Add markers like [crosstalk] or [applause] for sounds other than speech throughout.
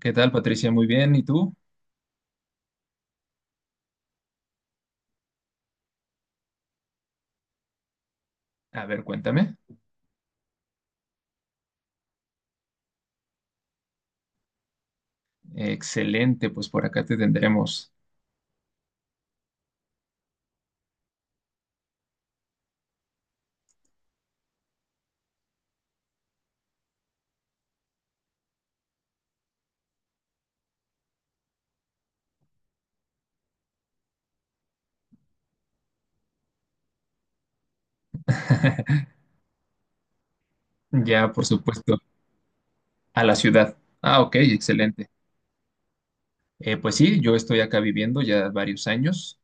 ¿Qué tal, Patricia? Muy bien. ¿Y tú? A ver, cuéntame. Excelente, pues por acá te tendremos. [laughs] Ya, por supuesto, a la ciudad. Ah, ok, excelente. Pues sí, yo estoy acá viviendo ya varios años.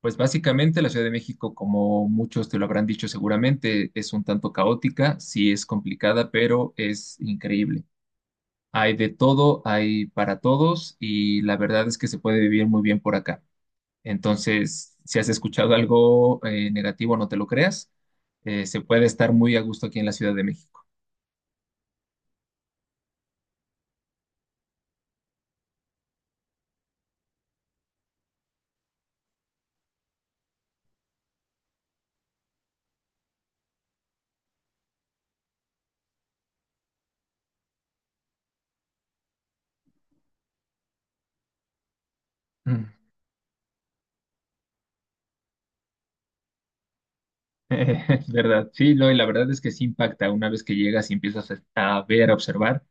Pues básicamente la Ciudad de México, como muchos te lo habrán dicho seguramente, es un tanto caótica, sí es complicada, pero es increíble. Hay de todo, hay para todos y la verdad es que se puede vivir muy bien por acá. Entonces, si has escuchado algo negativo, no te lo creas. Se puede estar muy a gusto aquí en la Ciudad de México. Mm. [laughs] Es verdad, sí, no, y la verdad es que sí impacta una vez que llegas y empiezas a ver, a observar,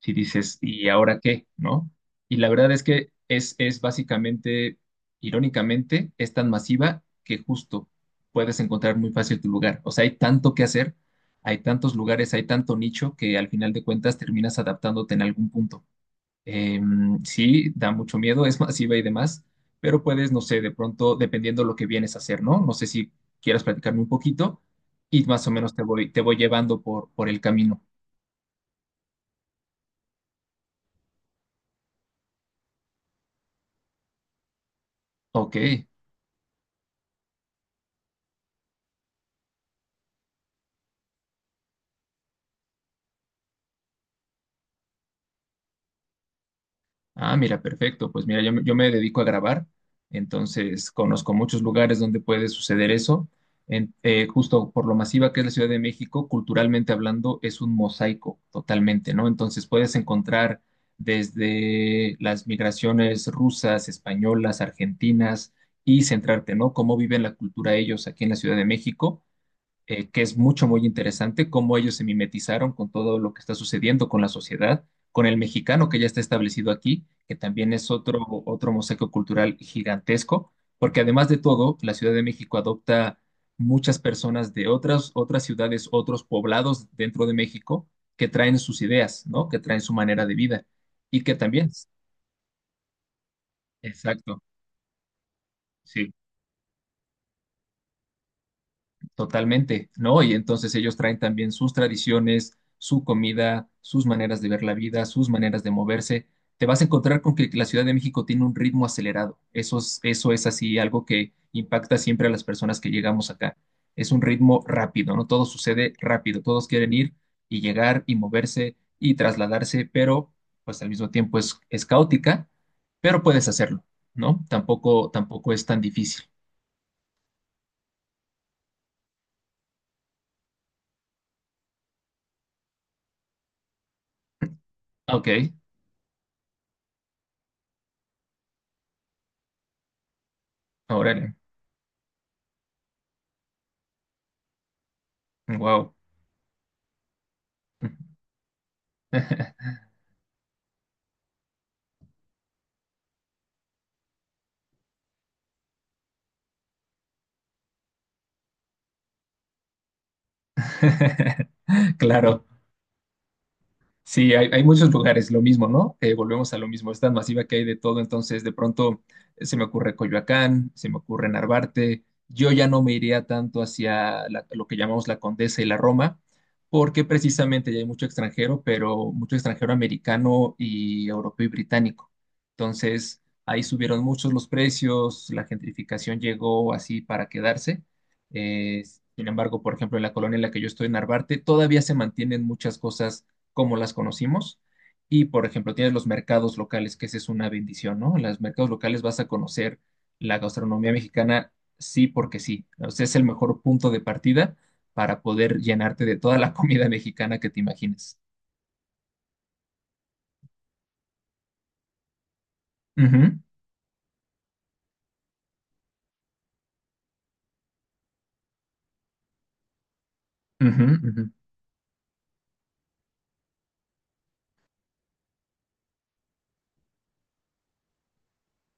si dices, ¿y ahora qué? ¿No? Y la verdad es que es básicamente, irónicamente, es tan masiva que justo puedes encontrar muy fácil tu lugar. O sea, hay tanto que hacer, hay tantos lugares, hay tanto nicho que al final de cuentas terminas adaptándote en algún punto. Eh, sí, da mucho miedo, es masiva y demás, pero puedes, no sé, de pronto, dependiendo lo que vienes a hacer, ¿no? No sé si quieras platicarme un poquito y más o menos te voy llevando por el camino. Ok. Ah, mira, perfecto. Pues mira, yo, yo me dedico a grabar, entonces conozco muchos lugares donde puede suceder eso. Justo por lo masiva que es la Ciudad de México, culturalmente hablando, es un mosaico totalmente, ¿no? Entonces puedes encontrar desde las migraciones rusas, españolas, argentinas y centrarte, ¿no? Cómo viven la cultura ellos aquí en la Ciudad de México, que es mucho, muy interesante, cómo ellos se mimetizaron con todo lo que está sucediendo con la sociedad, con el mexicano que ya está establecido aquí, que también es otro, otro mosaico cultural gigantesco, porque además de todo, la Ciudad de México adopta muchas personas de otras ciudades, otros poblados dentro de México, que traen sus ideas, ¿no? Que traen su manera de vida y que también, exacto, sí. Totalmente, ¿no? Y entonces ellos traen también sus tradiciones, su comida, sus maneras de ver la vida, sus maneras de moverse. Te vas a encontrar con que la Ciudad de México tiene un ritmo acelerado. Eso es así, algo que impacta siempre a las personas que llegamos acá. Es un ritmo rápido, ¿no? Todo sucede rápido, todos quieren ir y llegar y moverse y trasladarse, pero pues al mismo tiempo es caótica, pero puedes hacerlo, ¿no? Tampoco, tampoco es tan difícil. Ok, ahora, wow. [laughs] Claro. Sí, hay muchos lugares, lo mismo, ¿no? Volvemos a lo mismo, es tan masiva que hay de todo, entonces de pronto se me ocurre Coyoacán, se me ocurre Narvarte, yo ya no me iría tanto hacia lo que llamamos la Condesa y la Roma, porque precisamente ya hay mucho extranjero, pero mucho extranjero americano y europeo y británico. Entonces ahí subieron muchos los precios, la gentrificación llegó así para quedarse. Eh, Sin embargo, por ejemplo, en la colonia en la que yo estoy, en Narvarte, todavía se mantienen muchas cosas como las conocimos. Y, por ejemplo, tienes los mercados locales, que esa es una bendición, ¿no? En los mercados locales vas a conocer la gastronomía mexicana, sí, porque sí. O sea, es el mejor punto de partida para poder llenarte de toda la [laughs] comida mexicana que te imagines. Ujú, ujú, ujú,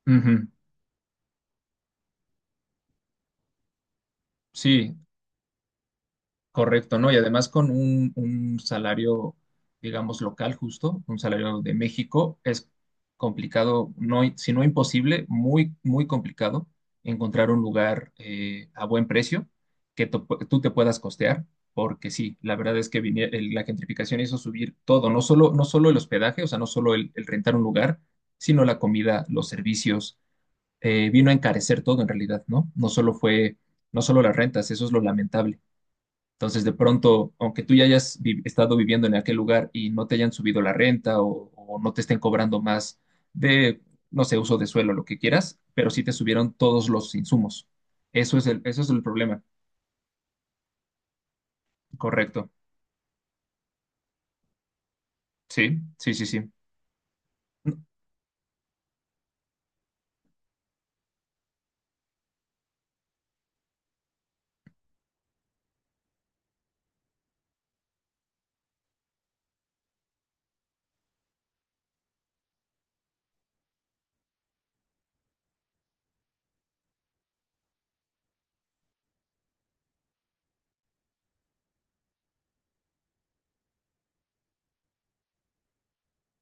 ujú. Sí, correcto, ¿no? Y además con un salario, digamos, local justo, un salario de México, es complicado, no, si no imposible, muy complicado encontrar un lugar a buen precio que tú te puedas costear, porque sí, la verdad es que la gentrificación hizo subir todo, no solo el hospedaje, o sea, no solo el rentar un lugar, sino la comida, los servicios, vino a encarecer todo en realidad, ¿no? No solo fue, no solo las rentas, eso es lo lamentable. Entonces, de pronto, aunque tú ya estado viviendo en aquel lugar y no te hayan subido la renta o no te estén cobrando más de, no sé, uso de suelo, lo que quieras, pero sí te subieron todos los insumos. Eso es eso es el problema. Correcto. Sí, sí, sí, sí.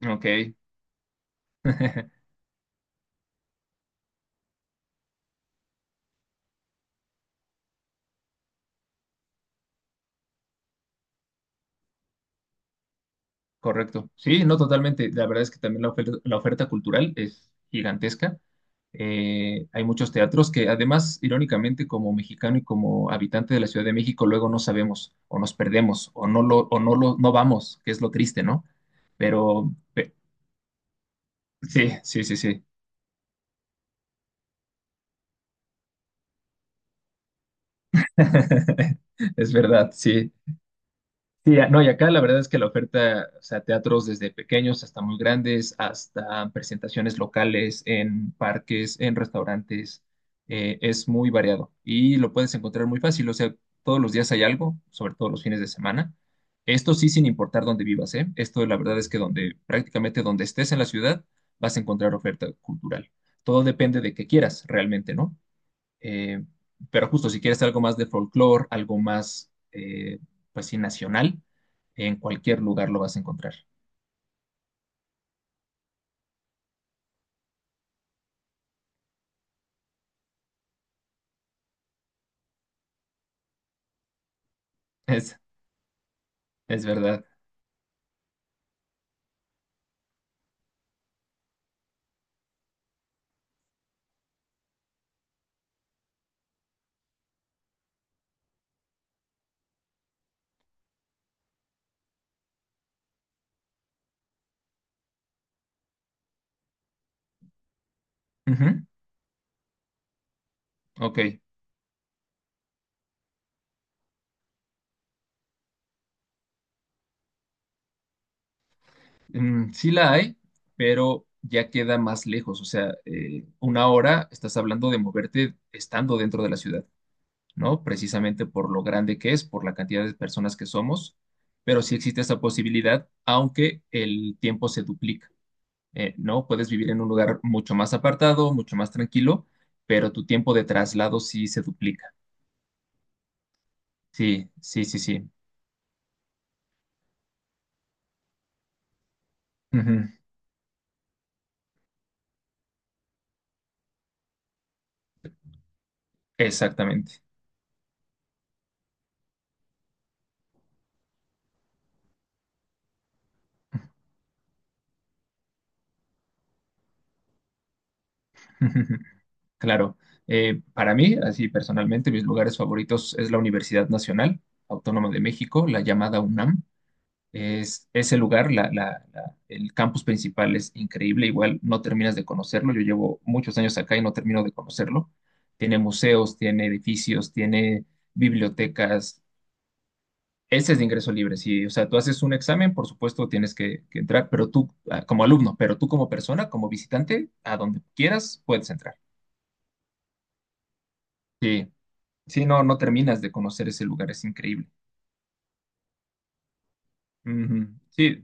Ok. [laughs] Correcto. Sí, no totalmente. La verdad es que también la oferta cultural es gigantesca. Hay muchos teatros que además, irónicamente, como mexicano y como habitante de la Ciudad de México, luego no sabemos o nos perdemos o no lo, no vamos, que es lo triste, ¿no? Pero sí, sí, sí, sí. [laughs] Es verdad, sí. Sí, no, y acá la verdad es que la oferta, o sea, teatros desde pequeños hasta muy grandes, hasta presentaciones locales en parques, en restaurantes, es muy variado y lo puedes encontrar muy fácil, o sea, todos los días hay algo, sobre todo los fines de semana. Esto sí sin importar dónde vivas, ¿eh? Esto la verdad es que donde, prácticamente donde estés en la ciudad, vas a encontrar oferta cultural. Todo depende de qué quieras realmente, ¿no? Eh, pero justo si quieres algo más de folclore, algo más, pues sí, nacional, en cualquier lugar lo vas a encontrar. [laughs] Es, es verdad. Ujú, ok. Mm, sí la hay, pero ya queda más lejos. O sea, una hora estás hablando de moverte estando dentro de la ciudad, ¿no? Precisamente por lo grande que es, por la cantidad de personas que somos, pero sí existe esa posibilidad, aunque el tiempo se duplica. ¿No? Puedes vivir en un lugar mucho más apartado, mucho más tranquilo, pero tu tiempo de traslado sí se duplica. Sí, sí, sí, sí. Ujú, exactamente. [laughs] Claro. Para mí, así personalmente, mis lugares favoritos es la Universidad Nacional Autónoma de México, la llamada UNAM. Es ese lugar, el campus principal es increíble, igual no terminas de conocerlo. Yo llevo muchos años acá y no termino de conocerlo. Tiene museos, tiene edificios, tiene bibliotecas. Ese es de ingreso libre, sí. O sea, tú haces un examen, por supuesto tienes que entrar, pero tú, ah, como alumno, pero tú como persona, como visitante, a donde quieras, puedes entrar. Sí, sí, no, no terminas de conocer ese lugar, es increíble. Ujú. Sí,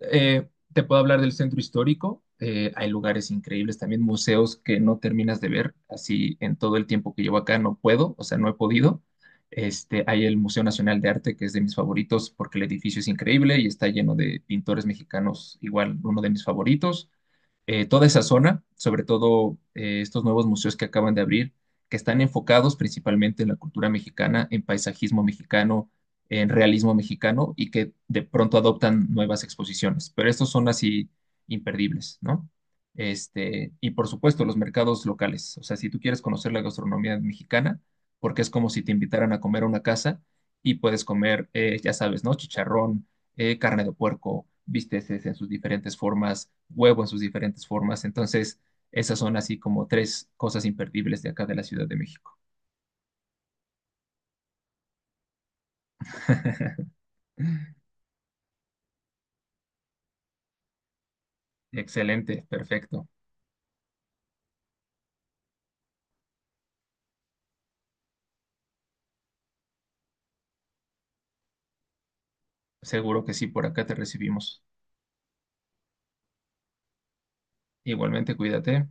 Eh, te puedo hablar del centro histórico. Hay lugares increíbles, también museos que no terminas de ver. Así en todo el tiempo que llevo acá no puedo, o sea, no he podido. Este, hay el Museo Nacional de Arte, que es de mis favoritos porque el edificio es increíble y está lleno de pintores mexicanos, igual uno de mis favoritos, toda esa zona, sobre todo estos nuevos museos que acaban de abrir, que están enfocados principalmente en la cultura mexicana, en paisajismo mexicano, en realismo mexicano y que de pronto adoptan nuevas exposiciones. Pero estos son así imperdibles, ¿no? Este, y por supuesto, los mercados locales. O sea, si tú quieres conocer la gastronomía mexicana, porque es como si te invitaran a comer a una casa y puedes comer, ya sabes, ¿no? Chicharrón, carne de puerco, bisteces en sus diferentes formas, huevo en sus diferentes formas. Entonces, esas son así como tres cosas imperdibles de acá de la Ciudad de México. [laughs] Excelente, perfecto. Seguro que sí, por acá te recibimos. Igualmente, cuídate.